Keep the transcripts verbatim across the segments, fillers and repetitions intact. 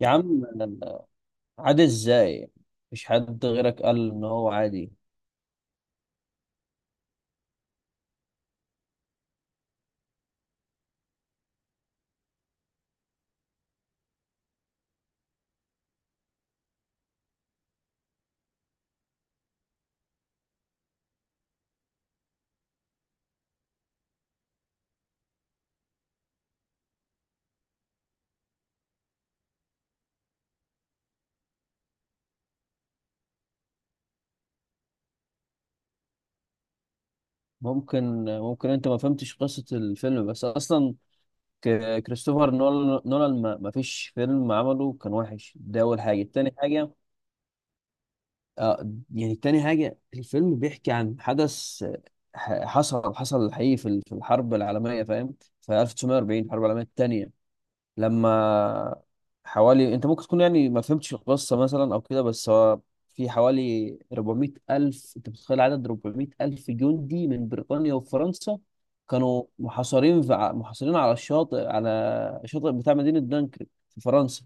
يا عم، عادي ازاي؟ مفيش حد غيرك قال ان هو عادي. ممكن ممكن انت ما فهمتش قصة الفيلم، بس اصلا ك- كريستوفر نول- نولان ما ما فيش فيلم عمله كان وحش. ده اول حاجة. تاني حاجة، آه يعني تاني حاجة، الفيلم بيحكي عن حدث ح- حصل حصل حقيقي في ال- في الحرب العالمية، فاهم؟ في ألف وتسعمية وأربعين، الحرب العالمية التانية، لما حوالي، انت ممكن تكون يعني ما فهمتش القصه مثلا او كده، بس هو في حوالي أربعمية ألف الف، انت بتتخيل عدد أربعمية ألف الف جندي من بريطانيا وفرنسا كانوا محاصرين في... ع- محاصرين على الشاطئ، على الشاطئ بتاع مدينه دانكرك في فرنسا.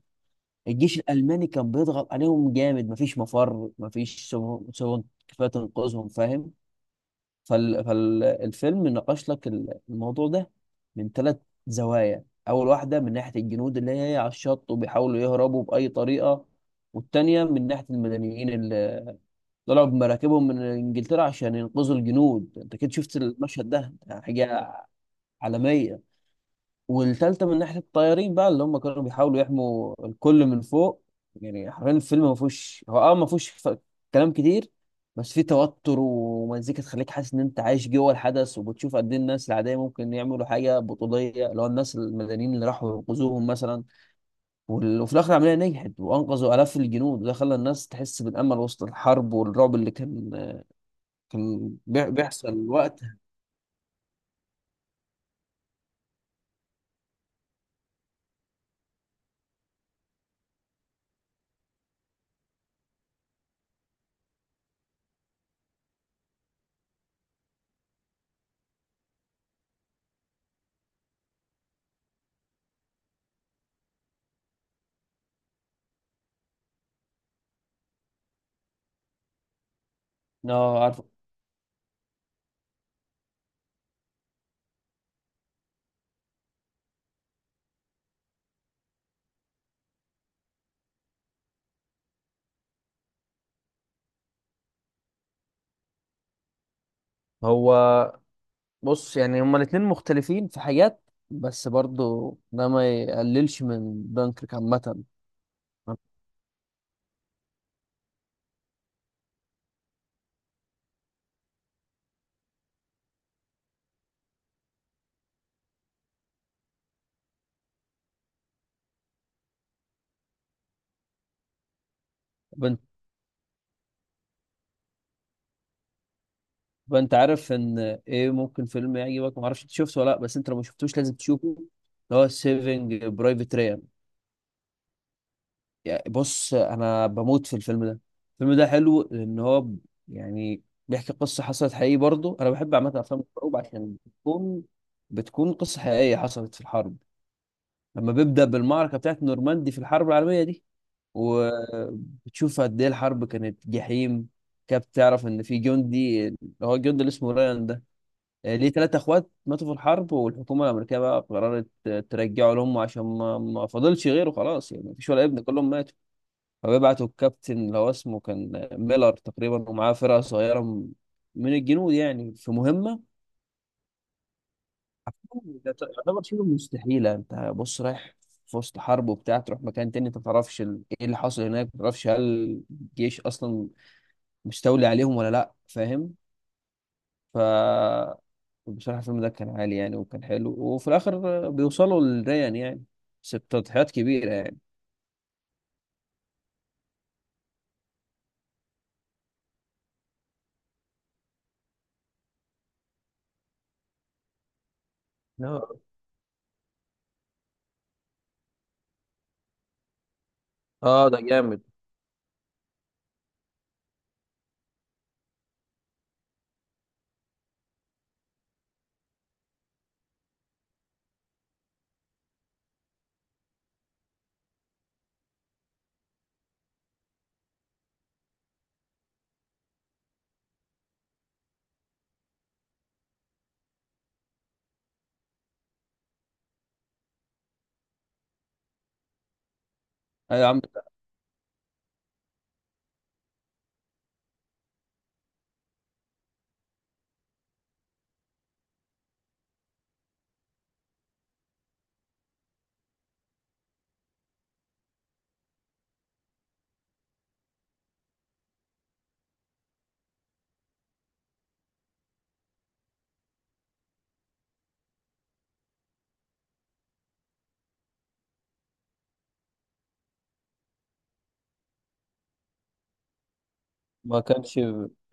الجيش الالماني كان بيضغط عليهم جامد، مفيش مفر، مفيش سفن سفن كفايه تنقذهم، فاهم؟ فال... فالفيلم ناقش لك ال- الموضوع ده من ثلاث زوايا. اول واحده من ناحيه الجنود اللي هي على الشط وبيحاولوا يهربوا باي طريقه، والتانية من ناحيه المدنيين اللي طلعوا بمراكبهم من انجلترا عشان ينقذوا الجنود، انت كده شفت المشهد ده، حاجه عالميه، والتالتة من ناحية الطيارين بقى اللي هم كانوا بيحاولوا يحموا الكل من فوق. يعني حرفيا الفيلم ما فيهوش، هو اه ما فيهوش ف- كلام كتير، بس فيه توتر ومزيكا تخليك حاسس ان انت عايش جوه الحدث، وبتشوف قد ايه الناس العادية ممكن يعملوا حاجة بطولية، اللي هو الناس المدنيين اللي راحوا ينقذوهم مثلا. وال- وفي الآخر العملية نجحت وأنقذوا آلاف الجنود، وده خلى الناس تحس بالأمل وسط الحرب والرعب اللي كان كان بيح- بيحصل وقتها. اه، عارف. هو بص، يعني هما الاتنين مختلفين في حاجات، بس برضو ده ما يقللش من دانكرك عامة. بنت بنت عارف ان ايه، ممكن فيلم يعجبك، ما اعرفش انت شفته ولا لا، بس انت لو ما شفتوش لازم تشوفه، اللي هو سيفنج برايفت ريان. يعني بص، انا بموت في الفيلم ده. الفيلم ده حلو لان هو ب- يعني بيحكي قصة حصلت حقيقي. برضو انا بحب عامة افلام الحروب عشان بتكون بتكون قصة حقيقية حصلت في الحرب، لما بيبدأ بالمعركة بتاعت نورماندي في الحرب العالمية دي، وبتشوف قد ايه الحرب كانت جحيم. كاب تعرف ان في جندي، اللي هو الجندي اللي اسمه رايان ده، آه، ليه ثلاثة اخوات ماتوا في الحرب، والحكومة الامريكية بقى قررت آه، ترجعه لهم عشان ما ما فاضلش غيره، خلاص يعني مفيش ولا ابن، كلهم ماتوا. فبيبعتوا الكابتن اللي هو اسمه كان آه، ميلر تقريبا، ومعاه فرقة صغيرة م- من الجنود يعني في مهمة ده يعتبر شبه مستحيلة. انت بص رايح في وسط حرب وبتاع، تروح مكان تاني انت ما تعرفش ال- ايه اللي حصل هناك، ما تعرفش هل الجيش اصلا مش تولي عليهم ولا لا، فاهم؟ ف بصراحة الفيلم ده كان عالي يعني، وكان حلو، وفي الآخر بيوصلوا للريان يعني، بس بتضحيات كبيرة يعني. اه. آه، ده جامد. أيوة يا عم. ما كانش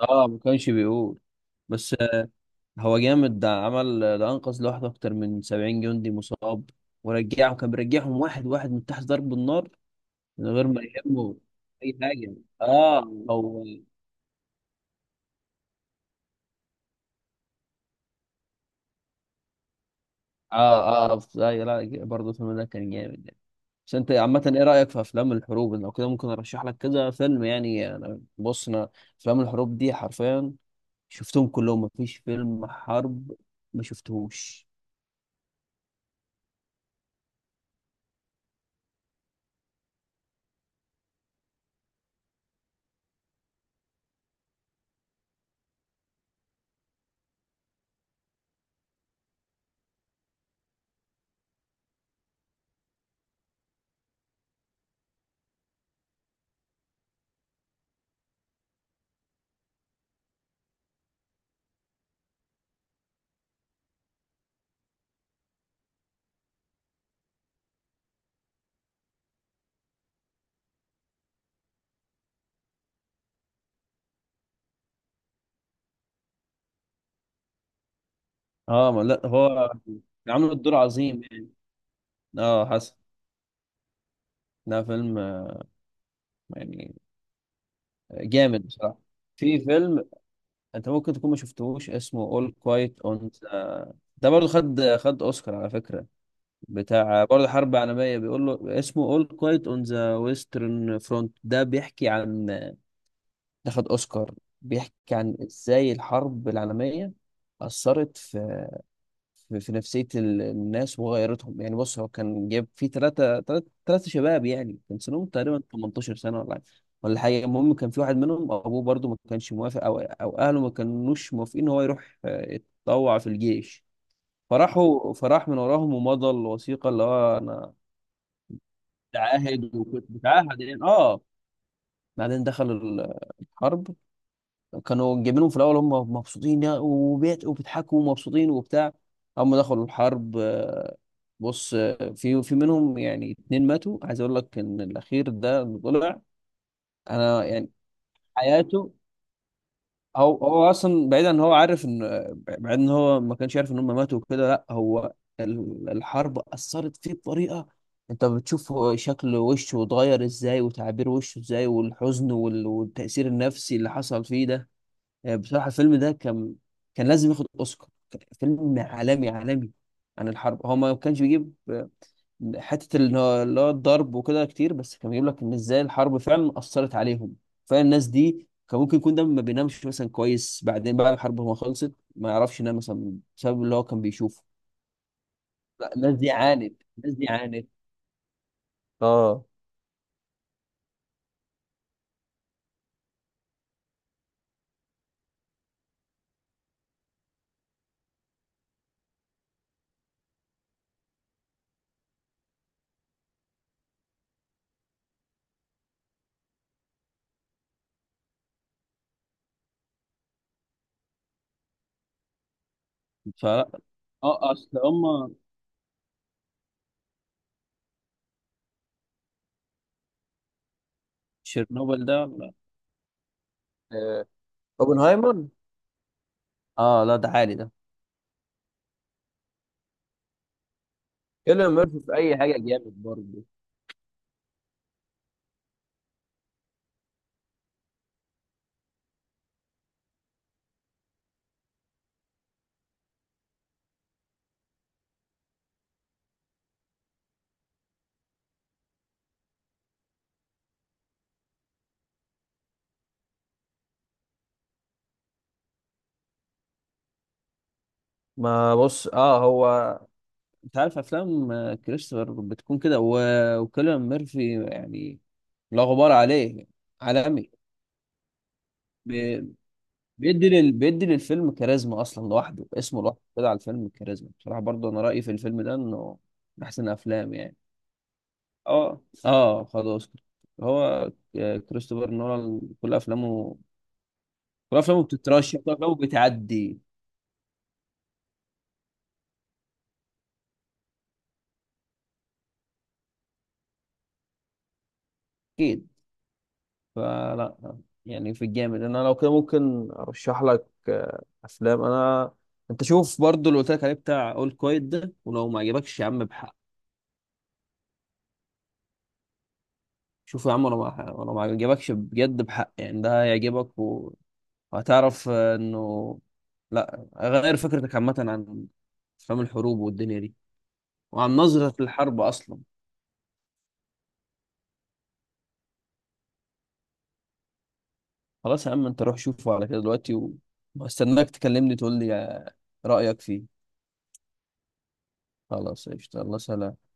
اه ما كانش بيقول، بس آه، هو جامد، ده عمل، ده أنقذ لوحده أكتر من سبعين جندي مصاب ورجعهم، كان بيرجعهم واحد واحد من تحت ضرب النار، من غير ما يهمه أي حاجة. اه. هو. اه، اه، آه، لا، لا، برضه الفيلم ده كان جامد. بس انت عامة ايه رأيك في افلام الحروب؟ لو كده ممكن ارشح لك كذا فيلم يعني. انا بص، انا افلام الحروب دي حرفيا شفتهم كلهم، مفيش فيلم حرب ما شفتهوش. اه. ما لا، هو عامل الدور عظيم يعني. اه، حسن. ده فيلم آه، يعني جامد بصراحة. في فيلم انت ممكن تكون ما شفتهوش، اسمه All Quiet on the-، ده برضه خد خد اوسكار على فكرة، بتاع برضه حرب عالمية، بيقول له اسمه All Quiet on the Western Front. ده بيحكي عن، ده خد اوسكار، بيحكي عن ازاي الحرب العالميه اثرت في في, في نفسيه ال- الناس وغيرتهم. يعني بص، هو كان جايب فيه ثلاثه ثلاثه شباب يعني كان سنهم تقريبا ثمانية عشر سنه ولا ولا حاجه. المهم كان في واحد منهم ابوه برضه ما كانش موافق، او او اهله ما كانوش موافقين ان هو يروح آه، يتطوع في الجيش. فراحوا فراح من وراهم ومضى الوثيقه اللي هو، انا متعاهد وكنت متعاهد يعني، اه. بعدين دخل ال- الحرب. كانوا جايبينهم في الاول، هم مبسوطين، يا- وبيت وبيضحكوا، ومبسوطين وبتاع. هم دخلوا الحرب. آه، بص، آه، في في منهم يعني اتنين ماتوا، عايز اقول لك ان الاخير ده اللي طلع. انا يعني حياته، هو هو اصلا بعيد ان هو عارف ان، بعيد ان هو ما كانش عارف ان هم ماتوا وكده، لا، هو ال- الحرب اثرت فيه بطريقه، انت بتشوف هو شكل وشه اتغير ازاي، وتعابير وشه ازاي، والحزن وال- والتاثير النفسي اللي حصل فيه ده. آه، بصراحة الفيلم ده كان كان لازم ياخد أوسكار. كان فيلم عالمي، عالمي عن الحرب. هو ما كانش بيجيب آه، حتة اللي هو اللي هو الضرب وكده كتير، بس كان بيجيب لك إن إزاي الحرب فعلا أثرت عليهم. فعلا الناس دي كان ممكن يكون ده ما بينامش مثلا كويس بعدين، بعد الحرب ما خلصت ما يعرفش ينام مثلا بسبب اللي هو كان بيشوفه. لا، الناس دي عانت، الناس دي عانت. اه. فلا. اه، اصل هم تشيرنوبل ده لا. آه، اوبنهايمر. اه لا، ده عالي ده. كيليان ميرفي في اي حاجه جامد برضه. ما بص، اه، هو انت عارف افلام آه، كريستوفر بتكون كده، و- وكيليان ميرفي يعني لا غبار عليه. عالمي. بي- بيدي لل... بيدي للفيلم كاريزما. اصلا لوحده اسمه لوحده كده على الفيلم كاريزما بصراحه. برضه انا رايي في الفيلم ده انه من احسن افلام يعني. اه، اه، خلاص. هو آه، كريستوفر نولان كل افلامه، كل افلامه بتترشح، كل افلامه بتعدي. اكيد. فلا يعني في الجامد، انا لو كده ممكن ارشح لك آه، افلام. انا انت شوف برضو اللي قلت لك عليه، بتاع اول كويت ده، ولو ما عجبكش يا عم بحق. شوف يا عم، لو ما لو ما عجبكش بجد بحق يعني، ده هيعجبك، و- وهتعرف آه، انه، لا، غير فكرتك عامة عن افلام الحروب والدنيا دي، وعن نظرة الحرب اصلا. خلاص يا عم، انت روح شوفه على كده دلوقتي، واستناك تكلمني تقول لي آه، رأيك فيه. خلاص قشطة. الله سلام.